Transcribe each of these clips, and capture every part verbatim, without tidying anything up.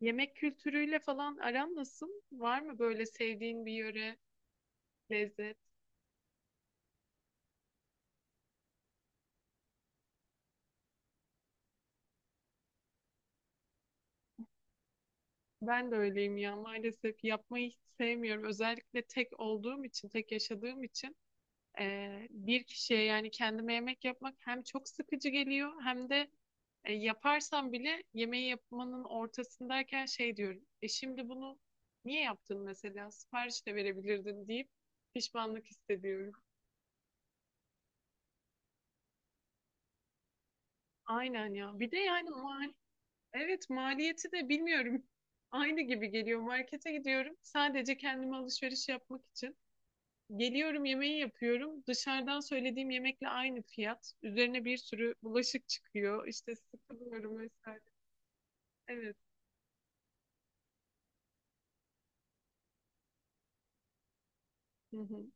Yemek kültürüyle falan aran nasıl? Var mı böyle sevdiğin bir yöre, lezzet? Ben de öyleyim ya, maalesef yapmayı hiç sevmiyorum. Özellikle tek olduğum için, tek yaşadığım için eee, bir kişiye yani kendime yemek yapmak hem çok sıkıcı geliyor hem de e, yaparsam bile yemeği yapmanın ortasındayken şey diyorum. E şimdi bunu niye yaptın mesela? Sipariş de verebilirdin deyip pişmanlık hissediyorum. Aynen ya. Bir de yani evet, maliyeti de bilmiyorum. Aynı gibi geliyor. Markete gidiyorum sadece kendime alışveriş yapmak için. Geliyorum, yemeği yapıyorum. Dışarıdan söylediğim yemekle aynı fiyat. Üzerine bir sürü bulaşık çıkıyor. İşte sıkılıyorum vesaire. Evet. Hı hı.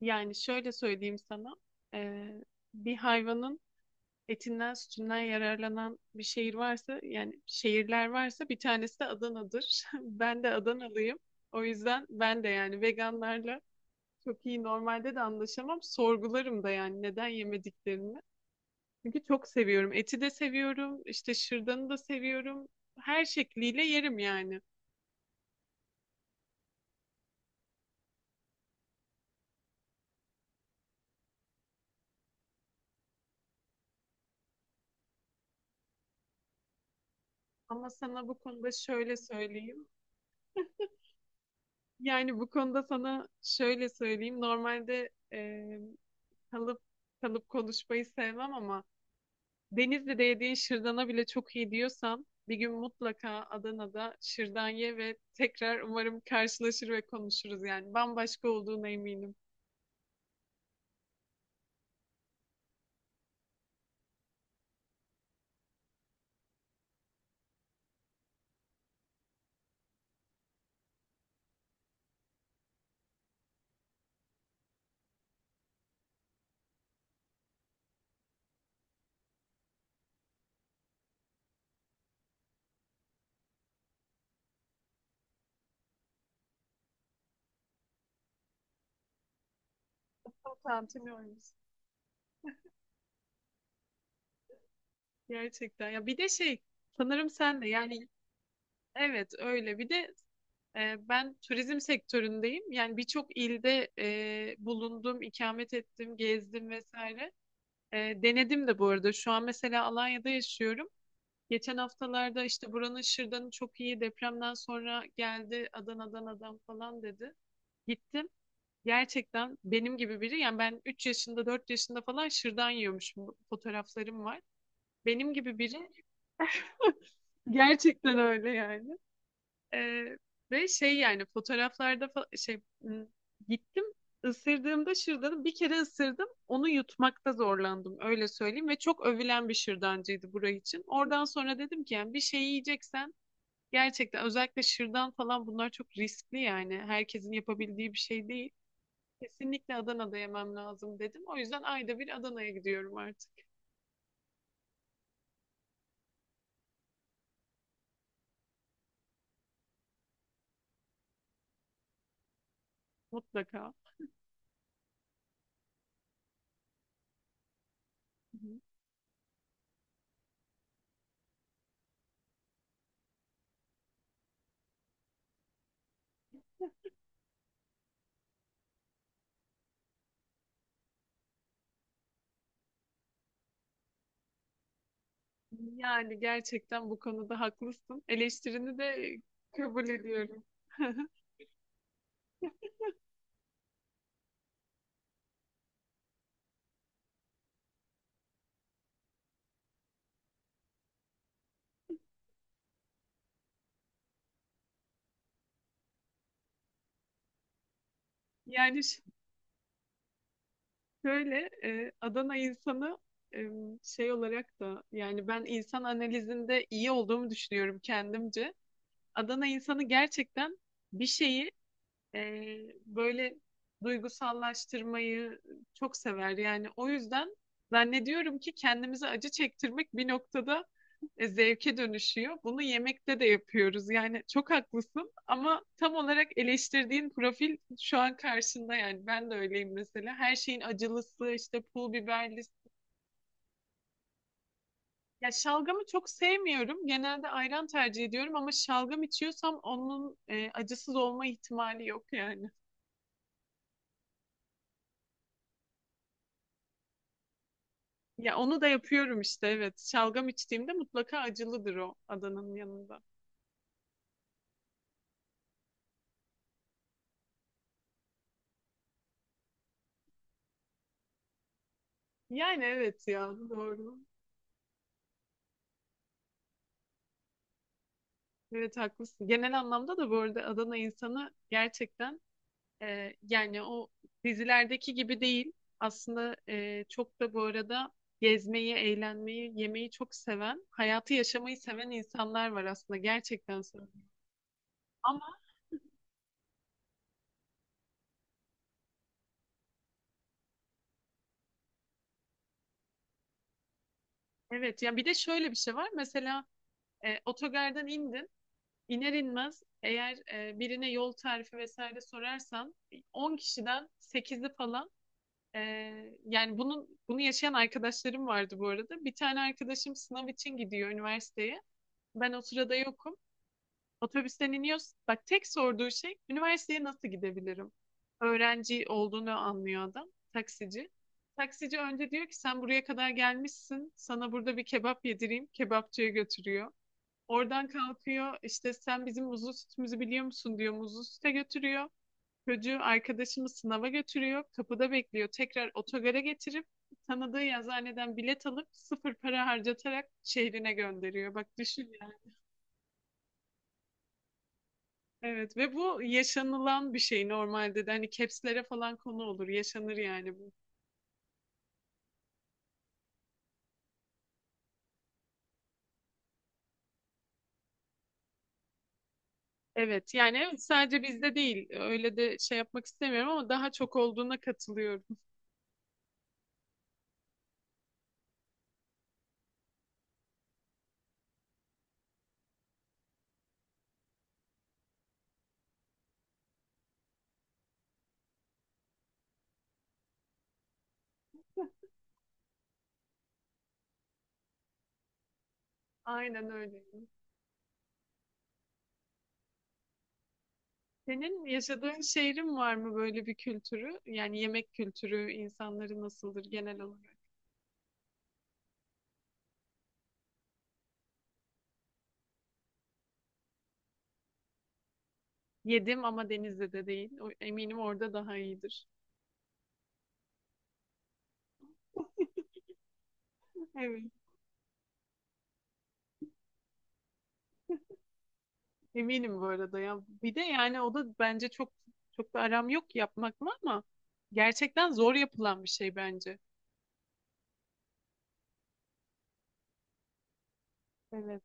Yani şöyle söyleyeyim sana. Ee, bir hayvanın etinden sütünden yararlanan bir şehir varsa, yani şehirler varsa, bir tanesi de Adana'dır. Ben de Adanalıyım. O yüzden ben de yani veganlarla çok iyi normalde de anlaşamam. Sorgularım da yani neden yemediklerini. Çünkü çok seviyorum. Eti de seviyorum. İşte şırdanı da seviyorum. Her şekliyle yerim yani. Ama sana bu konuda şöyle söyleyeyim. Yani bu konuda sana şöyle söyleyeyim. Normalde e, kalıp kalıp konuşmayı sevmem ama Denizli'de yediğin şırdana bile çok iyi diyorsan bir gün mutlaka Adana'da şırdan ye ve tekrar umarım karşılaşır ve konuşuruz yani. Bambaşka olduğuna eminim. Çok utanmıyoruz. Gerçekten. Ya bir de şey, sanırım sen de yani evet öyle. Bir de e, ben turizm sektöründeyim. Yani birçok ilde e, bulundum, ikamet ettim, gezdim vesaire. E, denedim de bu arada. Şu an mesela Alanya'da yaşıyorum. Geçen haftalarda işte buranın şırdanı çok iyi, depremden sonra geldi Adana'dan adam falan dedi. Gittim. Gerçekten benim gibi biri, yani ben üç yaşında dört yaşında falan şırdan yiyormuşum. Fotoğraflarım var. Benim gibi biri. Gerçekten öyle yani. Ee, ve şey, yani fotoğraflarda fa- şey m, gittim, ısırdığımda şırdanı bir kere ısırdım. Onu yutmakta zorlandım, öyle söyleyeyim, ve çok övülen bir şırdancıydı burayı için. Oradan sonra dedim ki yani bir şey yiyeceksen gerçekten, özellikle şırdan falan, bunlar çok riskli yani. Herkesin yapabildiği bir şey değil. Kesinlikle Adana'da yemem lazım dedim. O yüzden ayda bir Adana'ya gidiyorum artık mutlaka. Yani gerçekten bu konuda haklısın. Eleştirini de kabul ediyorum. Yani ş- Şöyle e, Adana insanı e, şey olarak da, yani ben insan analizinde iyi olduğumu düşünüyorum kendimce. Adana insanı gerçekten bir şeyi, Ee, böyle duygusallaştırmayı çok sever. Yani o yüzden zannediyorum ki kendimize acı çektirmek bir noktada e, zevke dönüşüyor. Bunu yemekte de yapıyoruz. Yani çok haklısın ama tam olarak eleştirdiğin profil şu an karşında yani. Ben de öyleyim mesela. Her şeyin acılısı, işte pul biberlisi. Ya şalgamı çok sevmiyorum. Genelde ayran tercih ediyorum ama şalgam içiyorsam onun e, acısız olma ihtimali yok yani. Ya onu da yapıyorum işte, evet. Şalgam içtiğimde mutlaka acılıdır, o Adana'nın yanında. Yani evet ya, doğru. Evet haklısın. Genel anlamda da bu arada Adana insanı gerçekten, e, yani o dizilerdeki gibi değil. Aslında e, çok da bu arada gezmeyi, eğlenmeyi, yemeyi çok seven, hayatı yaşamayı seven insanlar var aslında, gerçekten söylüyorum. Ama evet ya, bir de şöyle bir şey var. Mesela e, otogardan indin. İner inmez eğer e, birine yol tarifi vesaire sorarsan on kişiden sekizi falan, e, yani bunun bunu yaşayan arkadaşlarım vardı bu arada. Bir tane arkadaşım sınav için gidiyor üniversiteye. Ben o sırada yokum. Otobüsten iniyoruz. Bak, tek sorduğu şey üniversiteye nasıl gidebilirim? Öğrenci olduğunu anlıyor adam. Taksici. Taksici önce diyor ki sen buraya kadar gelmişsin, sana burada bir kebap yedireyim. Kebapçıya götürüyor. Oradan kalkıyor, işte sen bizim muzlu sütümüzü biliyor musun diyor, muzlu süte götürüyor. Çocuğu, arkadaşımı sınava götürüyor. Kapıda bekliyor. Tekrar otogara getirip tanıdığı yazıhaneden bilet alıp sıfır para harcatarak şehrine gönderiyor. Bak, düşün yani. Evet, ve bu yaşanılan bir şey normalde de, hani capslere falan konu olur. Yaşanır yani bu. Evet yani evet, sadece bizde değil. Öyle de şey yapmak istemiyorum ama daha çok olduğuna katılıyorum. Aynen öyle. Senin yaşadığın şehrin var mı böyle bir kültürü? Yani yemek kültürü, insanları nasıldır genel olarak? Yedim ama Denizli'de değil. O- eminim orada daha iyidir. Evet. Eminim bu arada ya. Bir de yani o da bence çok, çok da aram yok yapmakla ama gerçekten zor yapılan bir şey bence. Evet.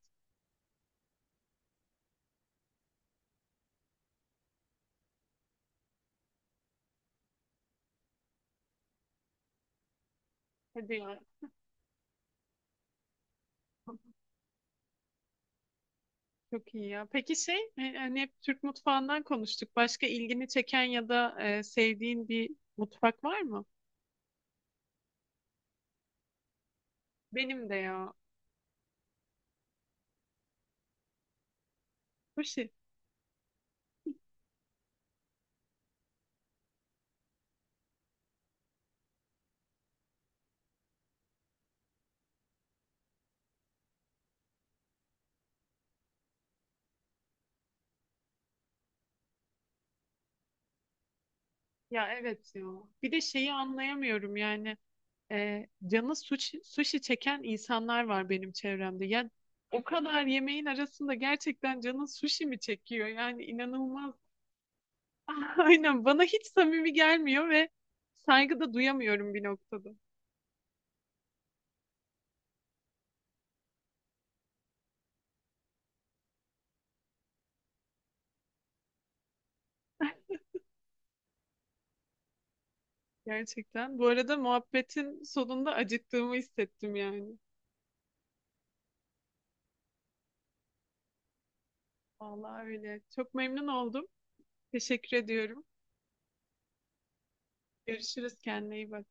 Hadi ya. Çok iyi ya. Peki şey, e, hani hep Türk mutfağından konuştuk. Başka ilgini çeken ya da e, sevdiğin bir mutfak var mı? Benim de ya. Sushi. Ya evet ya. Bir de şeyi anlayamıyorum yani, e, canı sushi, sushi çeken insanlar var benim çevremde. Yani o kadar yemeğin arasında gerçekten canın sushi mi çekiyor? Yani inanılmaz. Aynen, bana hiç samimi gelmiyor ve saygı da duyamıyorum bir noktada. Gerçekten. Bu arada muhabbetin sonunda acıktığımı hissettim yani. Vallahi öyle. Çok memnun oldum. Teşekkür ediyorum. Görüşürüz. Kendine iyi bak.